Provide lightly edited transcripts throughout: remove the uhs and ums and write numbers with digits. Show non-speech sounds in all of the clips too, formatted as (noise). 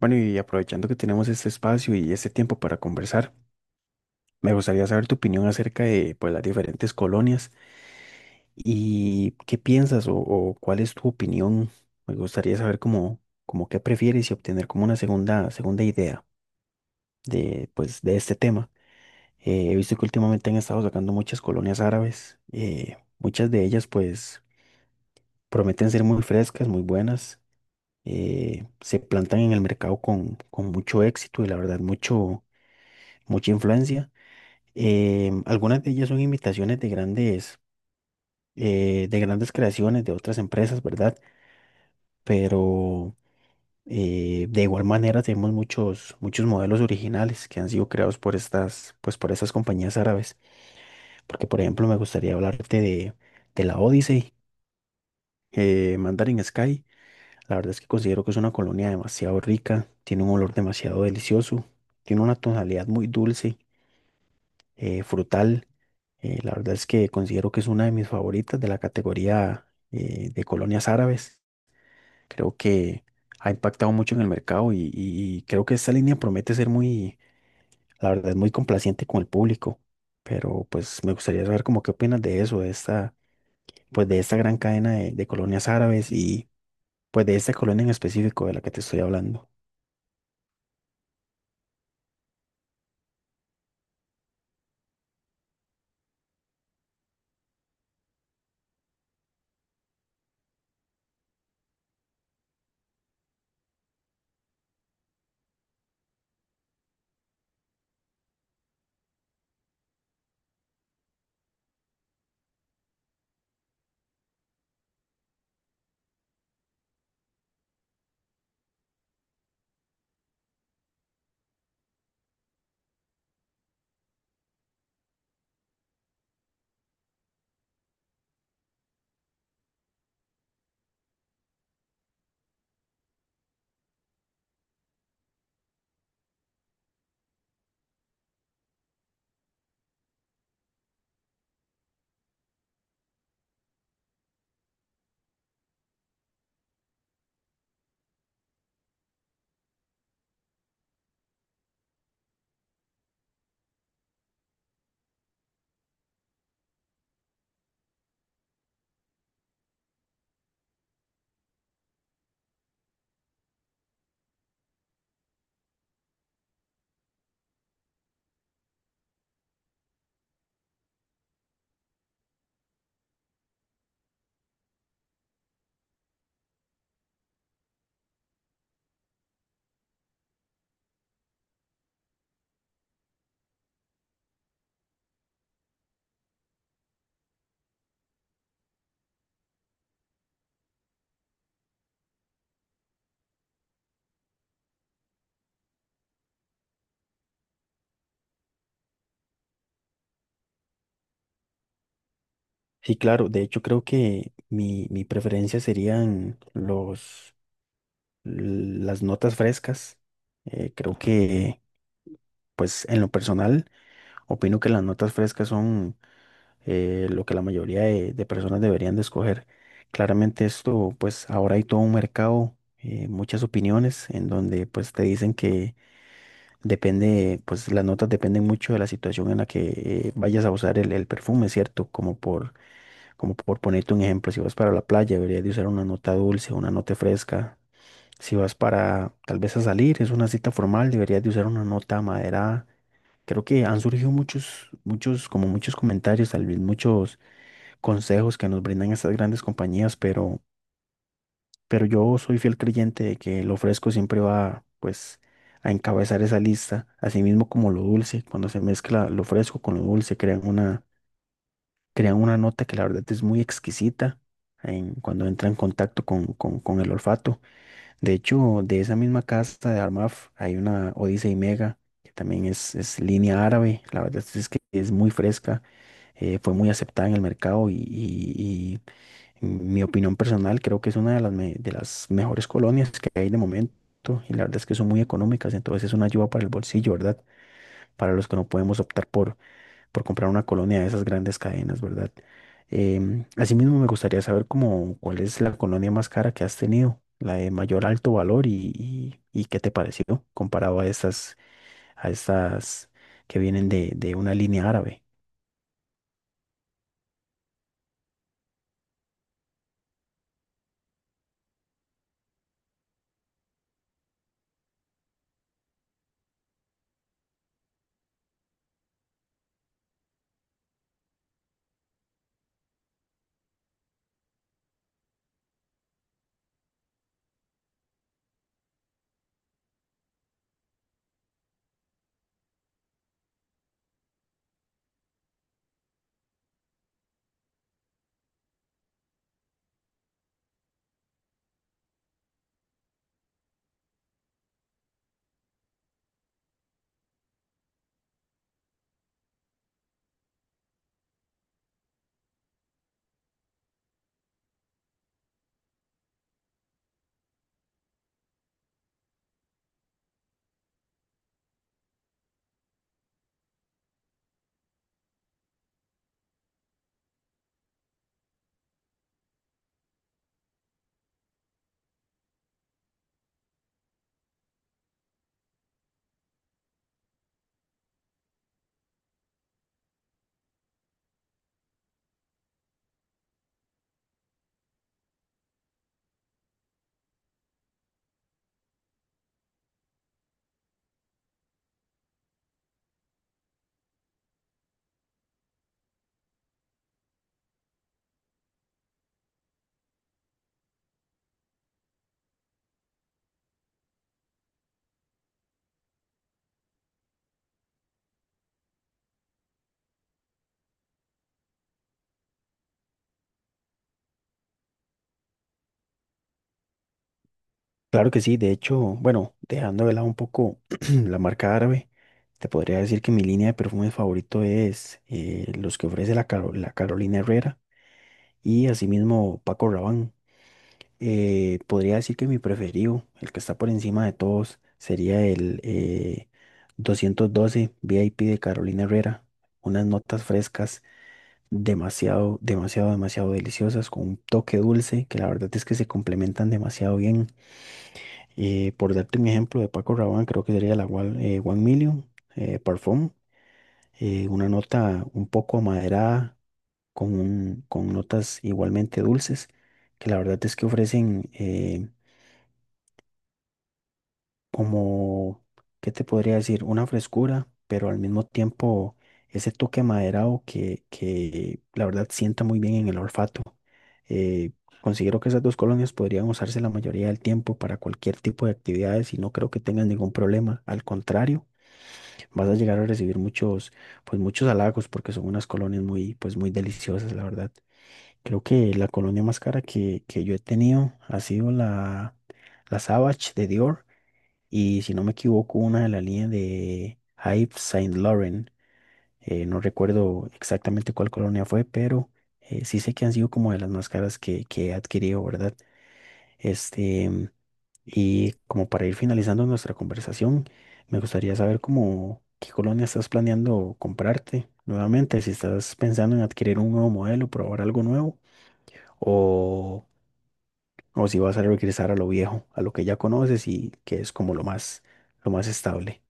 Bueno, y aprovechando que tenemos este espacio y este tiempo para conversar, me gustaría saber tu opinión acerca de, pues, las diferentes colonias y qué piensas o cuál es tu opinión. Me gustaría saber cómo, cómo qué prefieres y obtener como una segunda idea de, pues, de este tema. He visto que últimamente han estado sacando muchas colonias árabes. Muchas de ellas pues prometen ser muy frescas, muy buenas. Se plantan en el mercado con mucho éxito y la verdad mucho, mucha influencia. Algunas de ellas son imitaciones de grandes creaciones de otras empresas, ¿verdad? Pero de igual manera tenemos muchos, muchos modelos originales que han sido creados por estas, pues por estas compañías árabes. Porque, por ejemplo, me gustaría hablarte de la Odyssey, Mandarin Sky. La verdad es que considero que es una colonia demasiado rica, tiene un olor demasiado delicioso, tiene una tonalidad muy dulce, frutal. La verdad es que considero que es una de mis favoritas de la categoría, de colonias árabes. Creo que ha impactado mucho en el mercado y creo que esta línea promete ser muy, la verdad, muy complaciente con el público. Pero pues me gustaría saber como qué opinas de eso, de esta, pues de esta gran cadena de colonias árabes y pues de esta colonia en específico de la que te estoy hablando. Sí, claro, de hecho creo que mi preferencia serían los las notas frescas. Creo que, pues en lo personal, opino que las notas frescas son, lo que la mayoría de personas deberían de escoger. Claramente esto, pues ahora hay todo un mercado, muchas opiniones en donde pues te dicen que depende, pues las notas dependen mucho de la situación en la que, vayas a usar el perfume, ¿cierto? Como por ponerte un ejemplo, si vas para la playa, deberías de usar una nota dulce, una nota fresca. Si vas para tal vez a salir, es una cita formal, deberías de usar una nota maderada. Creo que han surgido muchos, muchos, como muchos comentarios, tal vez muchos consejos que nos brindan estas grandes compañías, pero yo soy fiel creyente de que lo fresco siempre va, pues, a encabezar esa lista, así mismo como lo dulce, cuando se mezcla lo fresco con lo dulce, crean una nota que la verdad es muy exquisita en, cuando entra en contacto con el olfato. De hecho, de esa misma casta de Armaf hay una Odyssey Mega, que también es línea árabe. La verdad es que es muy fresca, fue muy aceptada en el mercado y en mi opinión personal creo que es una de las, me- de las mejores colonias que hay de momento. Y la verdad es que son muy económicas, entonces es una ayuda para el bolsillo, ¿verdad? Para los que no podemos optar por comprar una colonia de esas grandes cadenas, ¿verdad? Asimismo, me gustaría saber cómo, cuál es la colonia más cara que has tenido, la de mayor alto valor y qué te pareció comparado a estas que vienen de una línea árabe. Claro que sí, de hecho, bueno, dejando de lado un poco (clears throat) la marca árabe, te podría decir que mi línea de perfumes favorito es, los que ofrece la, Caro- la Carolina Herrera y asimismo Paco Rabanne. Podría decir que mi preferido, el que está por encima de todos, sería el 212 VIP de Carolina Herrera. Unas notas frescas, demasiado, demasiado, demasiado deliciosas, con un toque dulce, que la verdad es que se complementan demasiado bien. Por darte un ejemplo de Paco Rabanne, creo que sería la One, One Million, Parfum. Una nota un poco amaderada, con, un- con notas igualmente dulces, que la verdad es que ofrecen... como, ¿qué te podría decir? Una frescura, pero al mismo tiempo ese toque maderado que la verdad sienta muy bien en el olfato. Eh, Considero que esas dos colonias podrían usarse la mayoría del tiempo para cualquier tipo de actividades y no creo que tengas ningún problema. Al contrario, vas a llegar a recibir muchos, pues muchos halagos porque son unas colonias muy, pues muy deliciosas, la verdad. Creo que la colonia más cara que yo he tenido ha sido la, la Savage de Dior y si no me equivoco, una de la línea de Hype Saint Laurent, no recuerdo exactamente cuál colonia fue, pero sí sé que han sido como de las más caras que he adquirido, ¿verdad? Este, y como para ir finalizando nuestra conversación, me gustaría saber cómo, qué colonia estás planeando comprarte nuevamente, si estás pensando en adquirir un nuevo modelo, probar algo nuevo, o, o si vas a regresar a lo viejo, a lo que ya conoces y que es como lo más estable.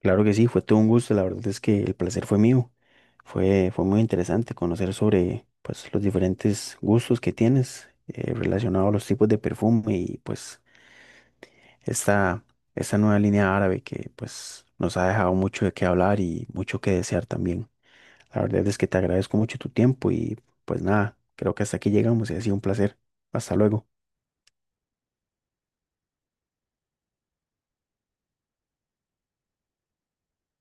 Claro que sí, fue todo un gusto. La verdad es que el placer fue mío. Fue muy interesante conocer sobre, pues, los diferentes gustos que tienes, relacionado a los tipos de perfume y pues esta, esta nueva línea árabe que pues nos ha dejado mucho de qué hablar y mucho que desear también. La verdad es que te agradezco mucho tu tiempo y pues nada, creo que hasta aquí llegamos y ha sido un placer. Hasta luego.